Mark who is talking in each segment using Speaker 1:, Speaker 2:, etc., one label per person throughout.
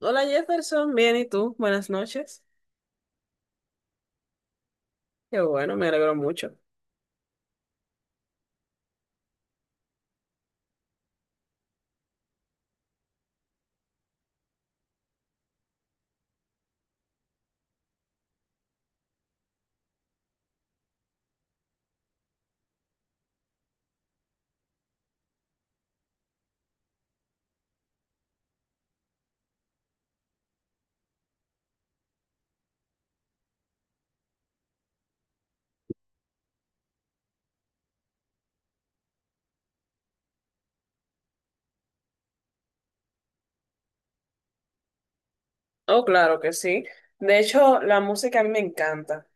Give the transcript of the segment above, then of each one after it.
Speaker 1: Hola Jefferson, bien, ¿y tú? Buenas noches. Qué bueno, me alegro mucho. Oh, claro que sí. De hecho, la música a mí me encanta.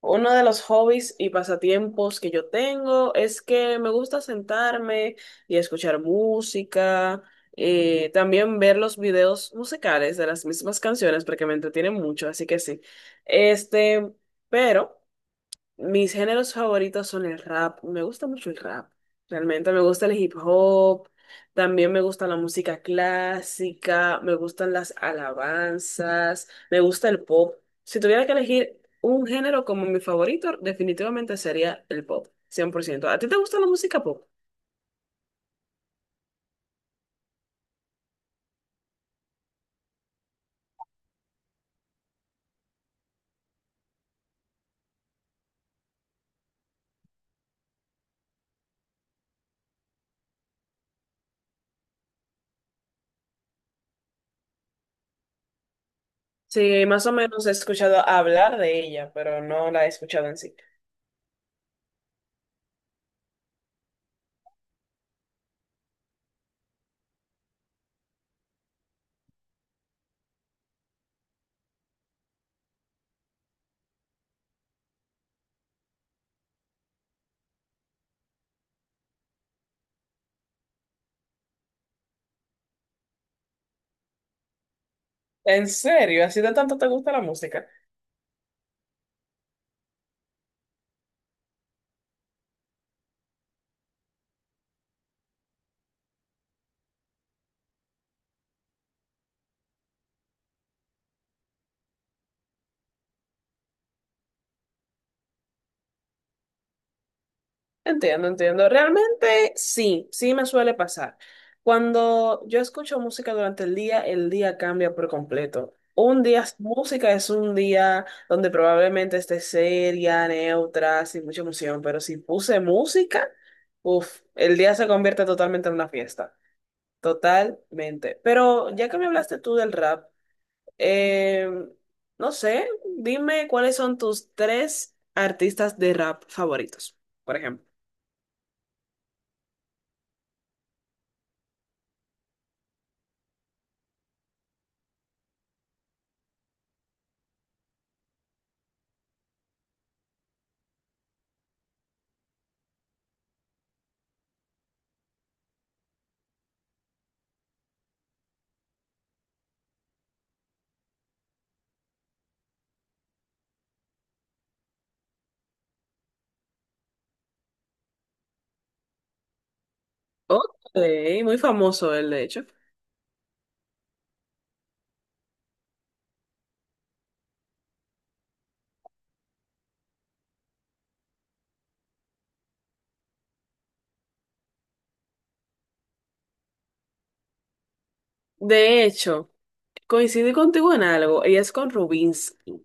Speaker 1: Uno de los hobbies y pasatiempos que yo tengo es que me gusta sentarme y escuchar música, también ver los videos musicales de las mismas canciones porque me entretienen mucho, así que sí. Este, pero... Mis géneros favoritos son el rap. Me gusta mucho el rap. Realmente me gusta el hip hop. También me gusta la música clásica. Me gustan las alabanzas. Me gusta el pop. Si tuviera que elegir un género como mi favorito, definitivamente sería el pop. Cien por ciento. ¿A ti te gusta la música pop? Sí, más o menos he escuchado hablar de ella, pero no la he escuchado en sí. ¿En serio? ¿Así de tanto te gusta la música? Entiendo, entiendo. Realmente sí, sí me suele pasar. Cuando yo escucho música durante el día cambia por completo. Un día, música es un día donde probablemente esté seria, neutra, sin mucha emoción, pero si puse música, uff, el día se convierte totalmente en una fiesta. Totalmente. Pero ya que me hablaste tú del rap, eh, no sé, dime cuáles son tus tres artistas de rap favoritos, por ejemplo. Ok, muy famoso él, de hecho. De hecho, coincidí contigo en algo, y es con Rubinsky.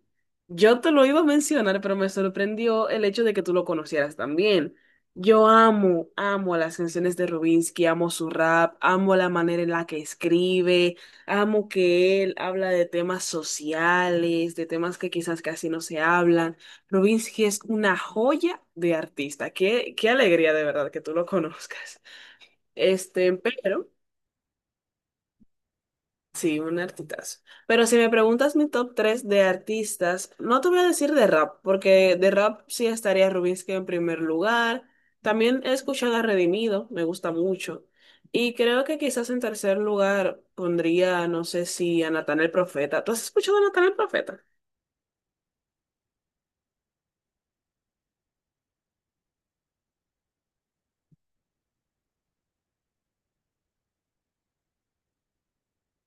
Speaker 1: Yo te lo iba a mencionar, pero me sorprendió el hecho de que tú lo conocieras también. Yo amo, amo las canciones de Rubinsky, amo su rap, amo la manera en la que escribe, amo que él habla de temas sociales, de temas que quizás casi no se hablan. Rubinsky es una joya de artista. Qué, qué alegría de verdad que tú lo conozcas. Este, pero... Sí, un artistazo. Pero si me preguntas mi top 3 de artistas, no te voy a decir de rap, porque de rap sí estaría Rubinsky en primer lugar. También he escuchado a Redimido, me gusta mucho. Y creo que quizás en tercer lugar pondría, no sé si a Natán el Profeta. ¿Tú has escuchado a Natán el Profeta?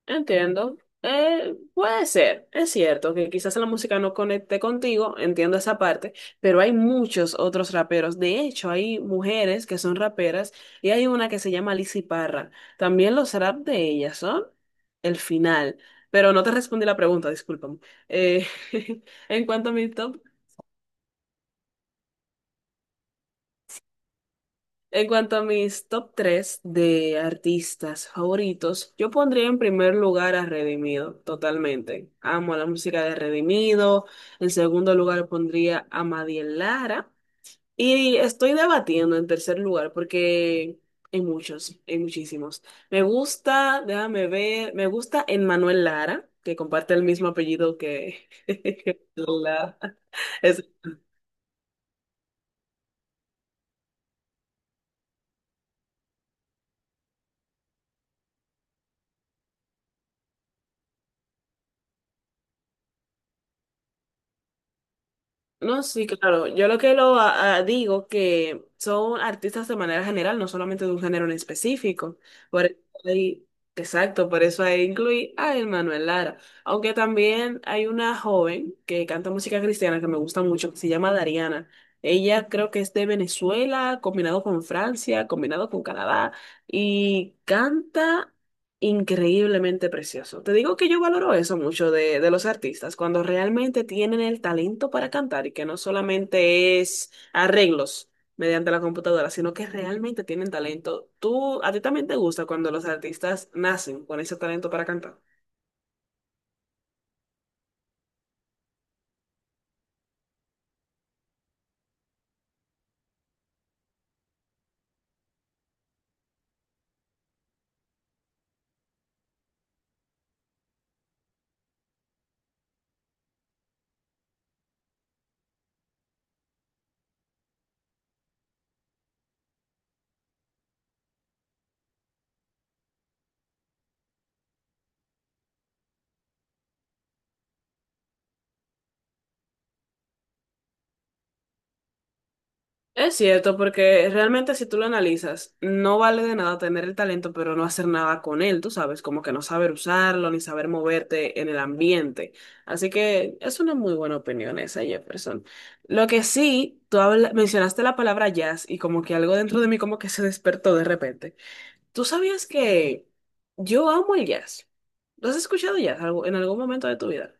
Speaker 1: Entiendo. Puede ser, es cierto que quizás la música no conecte contigo, entiendo esa parte, pero hay muchos otros raperos. De hecho, hay mujeres que son raperas y hay una que se llama Lizzy Parra. También los rap de ellas son el final. Pero no te respondí la pregunta, discúlpame. Eh, en cuanto a mi top. En cuanto a mis top 3 de artistas favoritos, yo pondría en primer lugar a Redimido, totalmente. Amo la música de Redimido. En segundo lugar pondría a Madiel Lara. Y estoy debatiendo en tercer lugar porque hay muchos, hay muchísimos. Me gusta, déjame ver, me gusta Emmanuel Lara, que comparte el mismo apellido que... que Lara. No, sí, claro. Yo lo que digo que son artistas de manera general, no solamente de un género en específico. Por eso ahí, exacto, por eso ahí incluí a Manuel Lara. Aunque también hay una joven que canta música cristiana que me gusta mucho, que se llama Dariana. Ella creo que es de Venezuela, combinado con Francia, combinado con Canadá, y canta increíblemente precioso. Te digo que yo valoro eso mucho de los artistas, cuando realmente tienen el talento para cantar y que no solamente es arreglos mediante la computadora, sino que realmente tienen talento. ¿Tú, a ti también te gusta cuando los artistas nacen con ese talento para cantar? Es cierto, porque realmente si tú lo analizas, no vale de nada tener el talento, pero no hacer nada con él, tú sabes, como que no saber usarlo ni saber moverte en el ambiente. Así que es una muy buena opinión esa, Jefferson. Lo que sí, mencionaste la palabra jazz y como que algo dentro de mí como que se despertó de repente. ¿Tú sabías que yo amo el jazz? ¿Lo has escuchado jazz en algún momento de tu vida?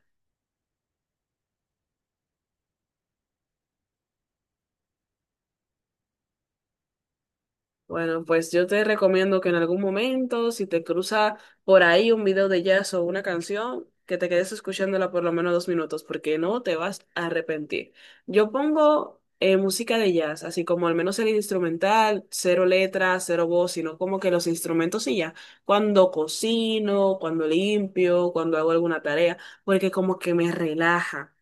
Speaker 1: Bueno, pues yo te recomiendo que en algún momento, si te cruza por ahí un video de jazz o una canción, que te quedes escuchándola por lo menos 2 minutos, porque no te vas a arrepentir. Yo pongo música de jazz, así como al menos el instrumental, cero letras, cero voz, sino como que los instrumentos y ya. Cuando cocino, cuando limpio, cuando hago alguna tarea, porque como que me relaja.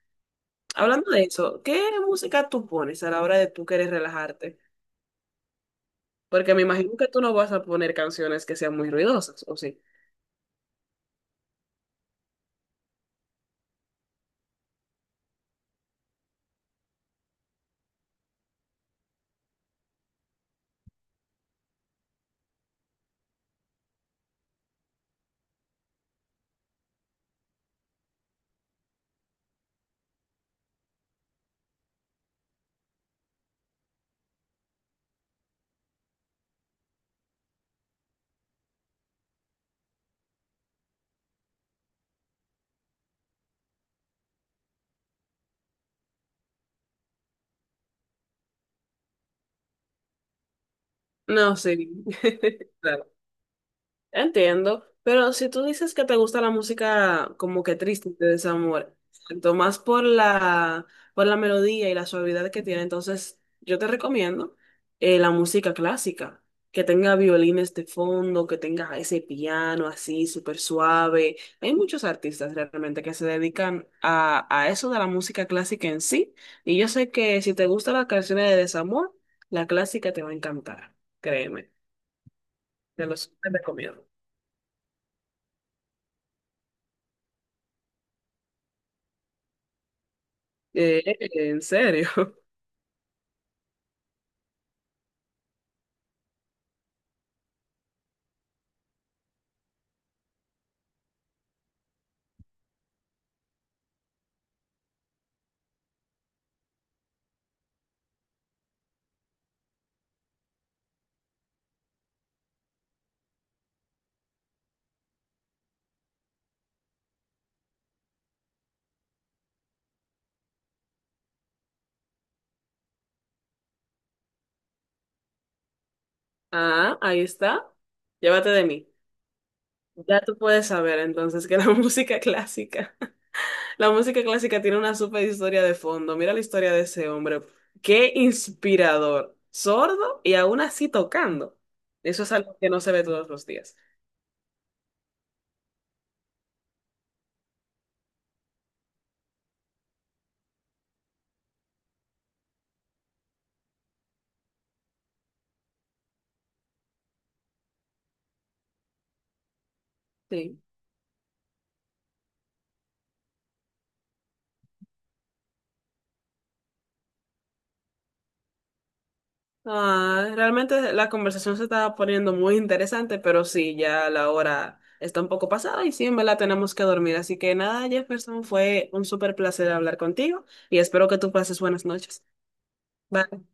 Speaker 1: Hablando de eso, ¿qué música tú pones a la hora de tú querer relajarte? Porque me imagino que tú no vas a poner canciones que sean muy ruidosas, ¿o sí? No, sí. Entiendo, pero si tú dices que te gusta la música como que triste de desamor, tanto más por la melodía y la suavidad que tiene, entonces yo te recomiendo la música clásica, que tenga violines de fondo, que tenga ese piano así súper suave. Hay muchos artistas realmente que se dedican a eso de la música clásica en sí, y yo sé que si te gustan las canciones de desamor, la clásica te va a encantar, créeme, te lo súper recomiendo. Eh, ¿En serio? Ah, ahí está. Llévate de mí. Ya tú puedes saber entonces que la música clásica, la música clásica tiene una super historia de fondo. Mira la historia de ese hombre. Qué inspirador. Sordo y aún así tocando. Eso es algo que no se ve todos los días. Sí. Ah, realmente la conversación se estaba poniendo muy interesante, pero sí, ya la hora está un poco pasada y sí, en verdad tenemos que dormir. Así que nada, Jefferson, fue un súper placer hablar contigo y espero que tú pases buenas noches. Bye.